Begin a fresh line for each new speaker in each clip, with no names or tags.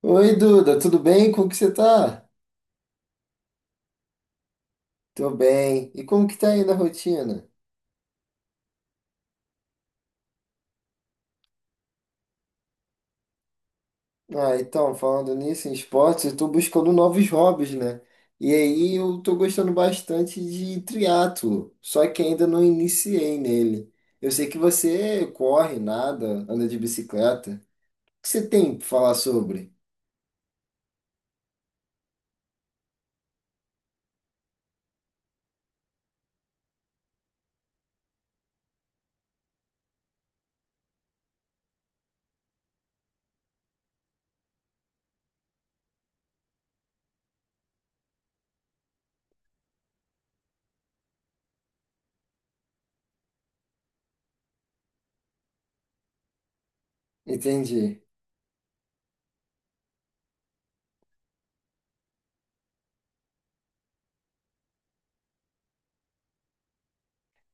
Oi, Duda, tudo bem? Como que você tá? Tô bem. E como que tá aí na rotina? Ah, então, falando nisso, em esportes, eu tô buscando novos hobbies, né? E aí eu tô gostando bastante de triatlo, só que ainda não iniciei nele. Eu sei que você corre, nada, anda de bicicleta. O que você tem pra falar sobre? Entendi.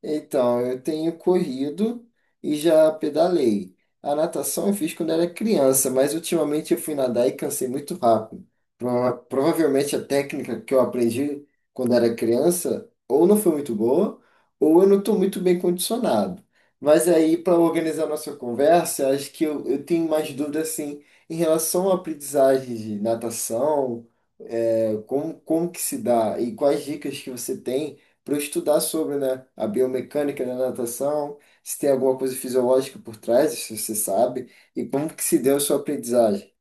Então, eu tenho corrido e já pedalei. A natação eu fiz quando era criança, mas ultimamente eu fui nadar e cansei muito rápido. Provavelmente a técnica que eu aprendi quando era criança ou não foi muito boa, ou eu não estou muito bem condicionado. Mas aí, para organizar nossa conversa, acho que eu tenho mais dúvidas assim, em relação à aprendizagem de natação, como que se dá e quais dicas que você tem para eu estudar sobre, né, a biomecânica da natação, se tem alguma coisa fisiológica por trás, se você sabe, e como que se deu a sua aprendizagem.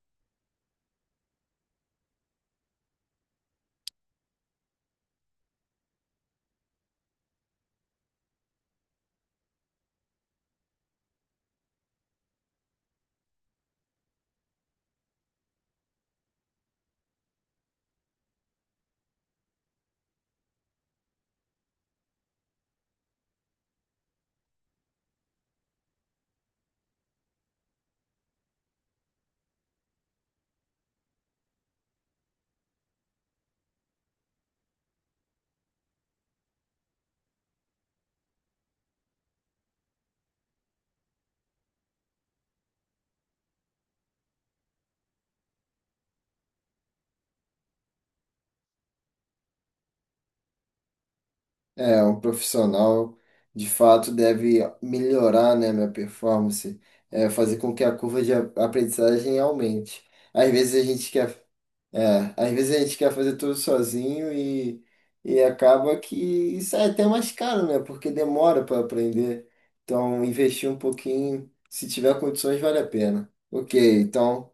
É, um profissional de fato deve melhorar, né, minha performance, fazer com que a curva de aprendizagem aumente. Às vezes a gente quer É, às vezes a gente quer fazer tudo sozinho e, acaba que isso é até mais caro, né? Porque demora para aprender. Então, investir um pouquinho, se tiver condições, vale a pena. Ok, então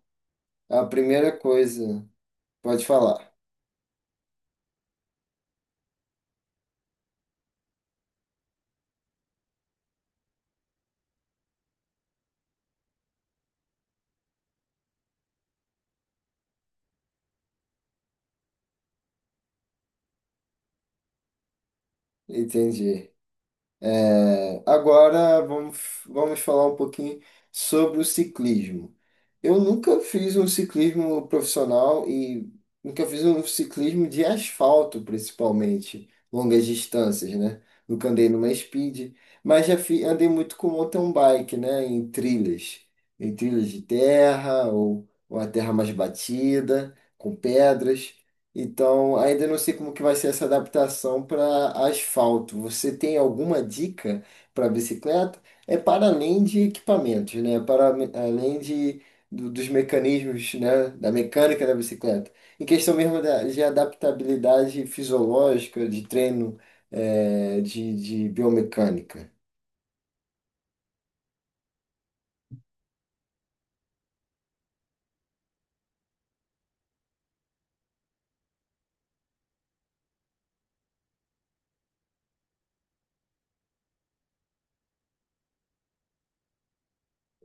a primeira coisa, pode falar. Entendi. É, agora vamos falar um pouquinho sobre o ciclismo. Eu nunca fiz um ciclismo profissional e nunca fiz um ciclismo de asfalto, principalmente, longas distâncias, né? Nunca andei numa speed, mas andei muito com mountain bike, né? Em trilhas de terra ou a terra mais batida, com pedras. Então, ainda não sei como que vai ser essa adaptação para asfalto. Você tem alguma dica para bicicleta? É para além de equipamentos, né? Para além dos mecanismos, né? Da mecânica da bicicleta. Em questão mesmo de adaptabilidade fisiológica, de treino, de biomecânica.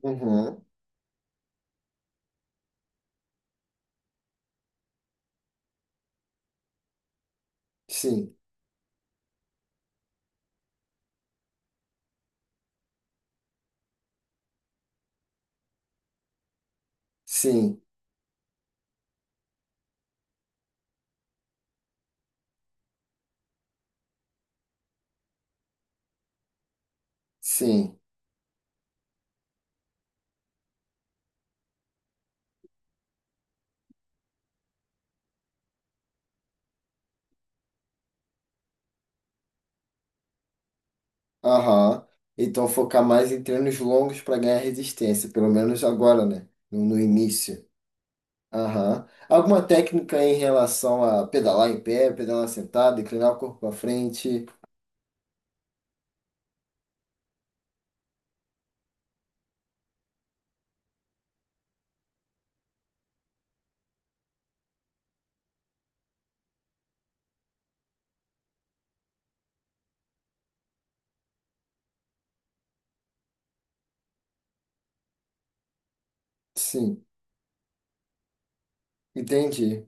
Uhum. Sim, sim, sim. Aham. Então focar mais em treinos longos para ganhar resistência, pelo menos agora, né? No, no início. Aham. Alguma técnica em relação a pedalar em pé, pedalar sentado, inclinar o corpo para frente? Sim, entendi.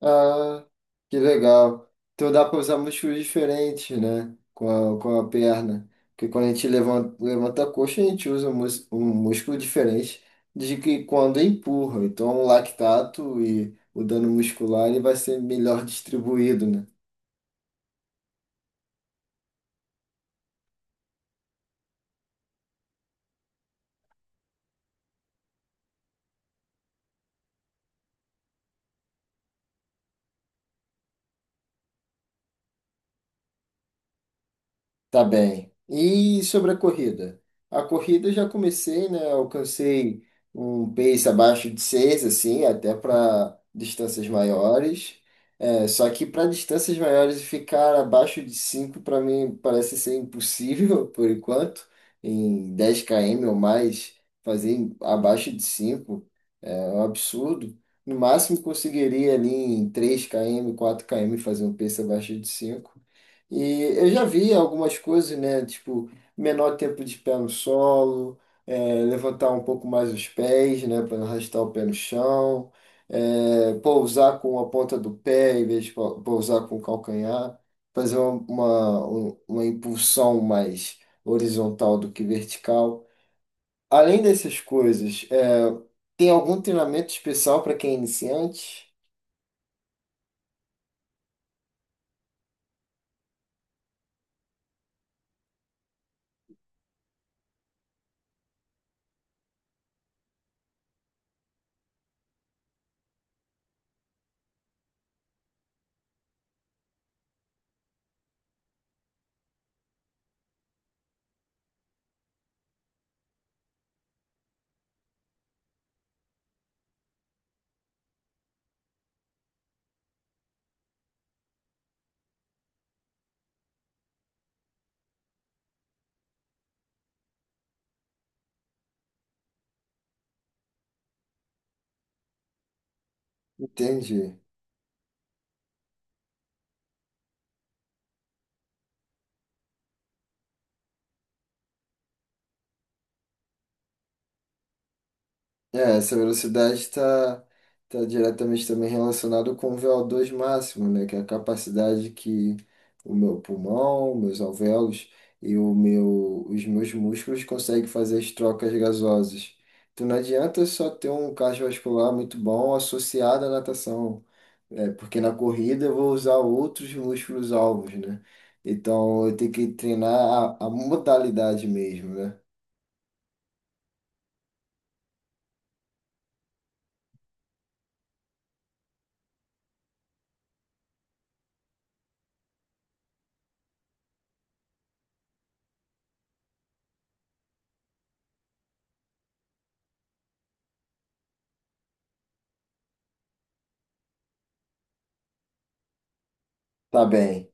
Ah, que legal. Então dá para usar músculos diferentes, né? Com a perna. Porque quando a gente levanta, levanta a coxa, a gente usa um músculo diferente de que quando empurra. Então o lactato e o dano muscular ele vai ser melhor distribuído, né? Tá bem. E sobre a corrida? A corrida eu já comecei, né? Alcancei um pace abaixo de 6 assim, até para distâncias maiores. É, só que para distâncias maiores ficar abaixo de 5 para mim parece ser impossível por enquanto. Em 10 km ou mais, abaixo de 5 é um absurdo. No máximo conseguiria ali em 3 km, 4 km fazer um pace abaixo de 5 e eu já vi algumas coisas, né? Tipo, menor tempo de pé no solo, levantar um pouco mais os pés, né? Para não arrastar o pé no chão, pousar com a ponta do pé em vez de pousar com o calcanhar, fazer uma impulsão mais horizontal do que vertical. Além dessas coisas, tem algum treinamento especial para quem é iniciante? Entendi. É, essa velocidade está tá tá diretamente também relacionada com o VO2 máximo, né? Que é a capacidade que o meu pulmão, meus alvéolos e os meus músculos conseguem fazer as trocas gasosas. Então não adianta só ter um cardiovascular muito bom associado à natação, porque na corrida eu vou usar outros músculos alvos, né? Então eu tenho que treinar a modalidade mesmo, né? Tá bem.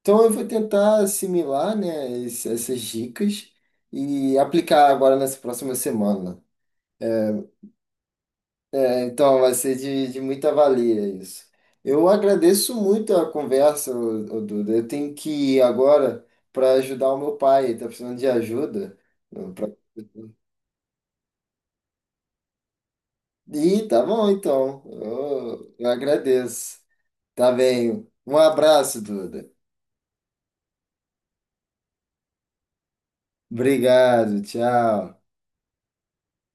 Então eu vou tentar assimilar, né, essas dicas e aplicar agora nessa próxima semana. É, então vai ser de muita valia isso. Eu agradeço muito a conversa, ô Duda. Eu tenho que ir agora para ajudar o meu pai, ele tá precisando de ajuda. Eu- pra- Ih, tá bom então. Eu agradeço. Tá bem. Um abraço, Duda. Obrigado, tchau.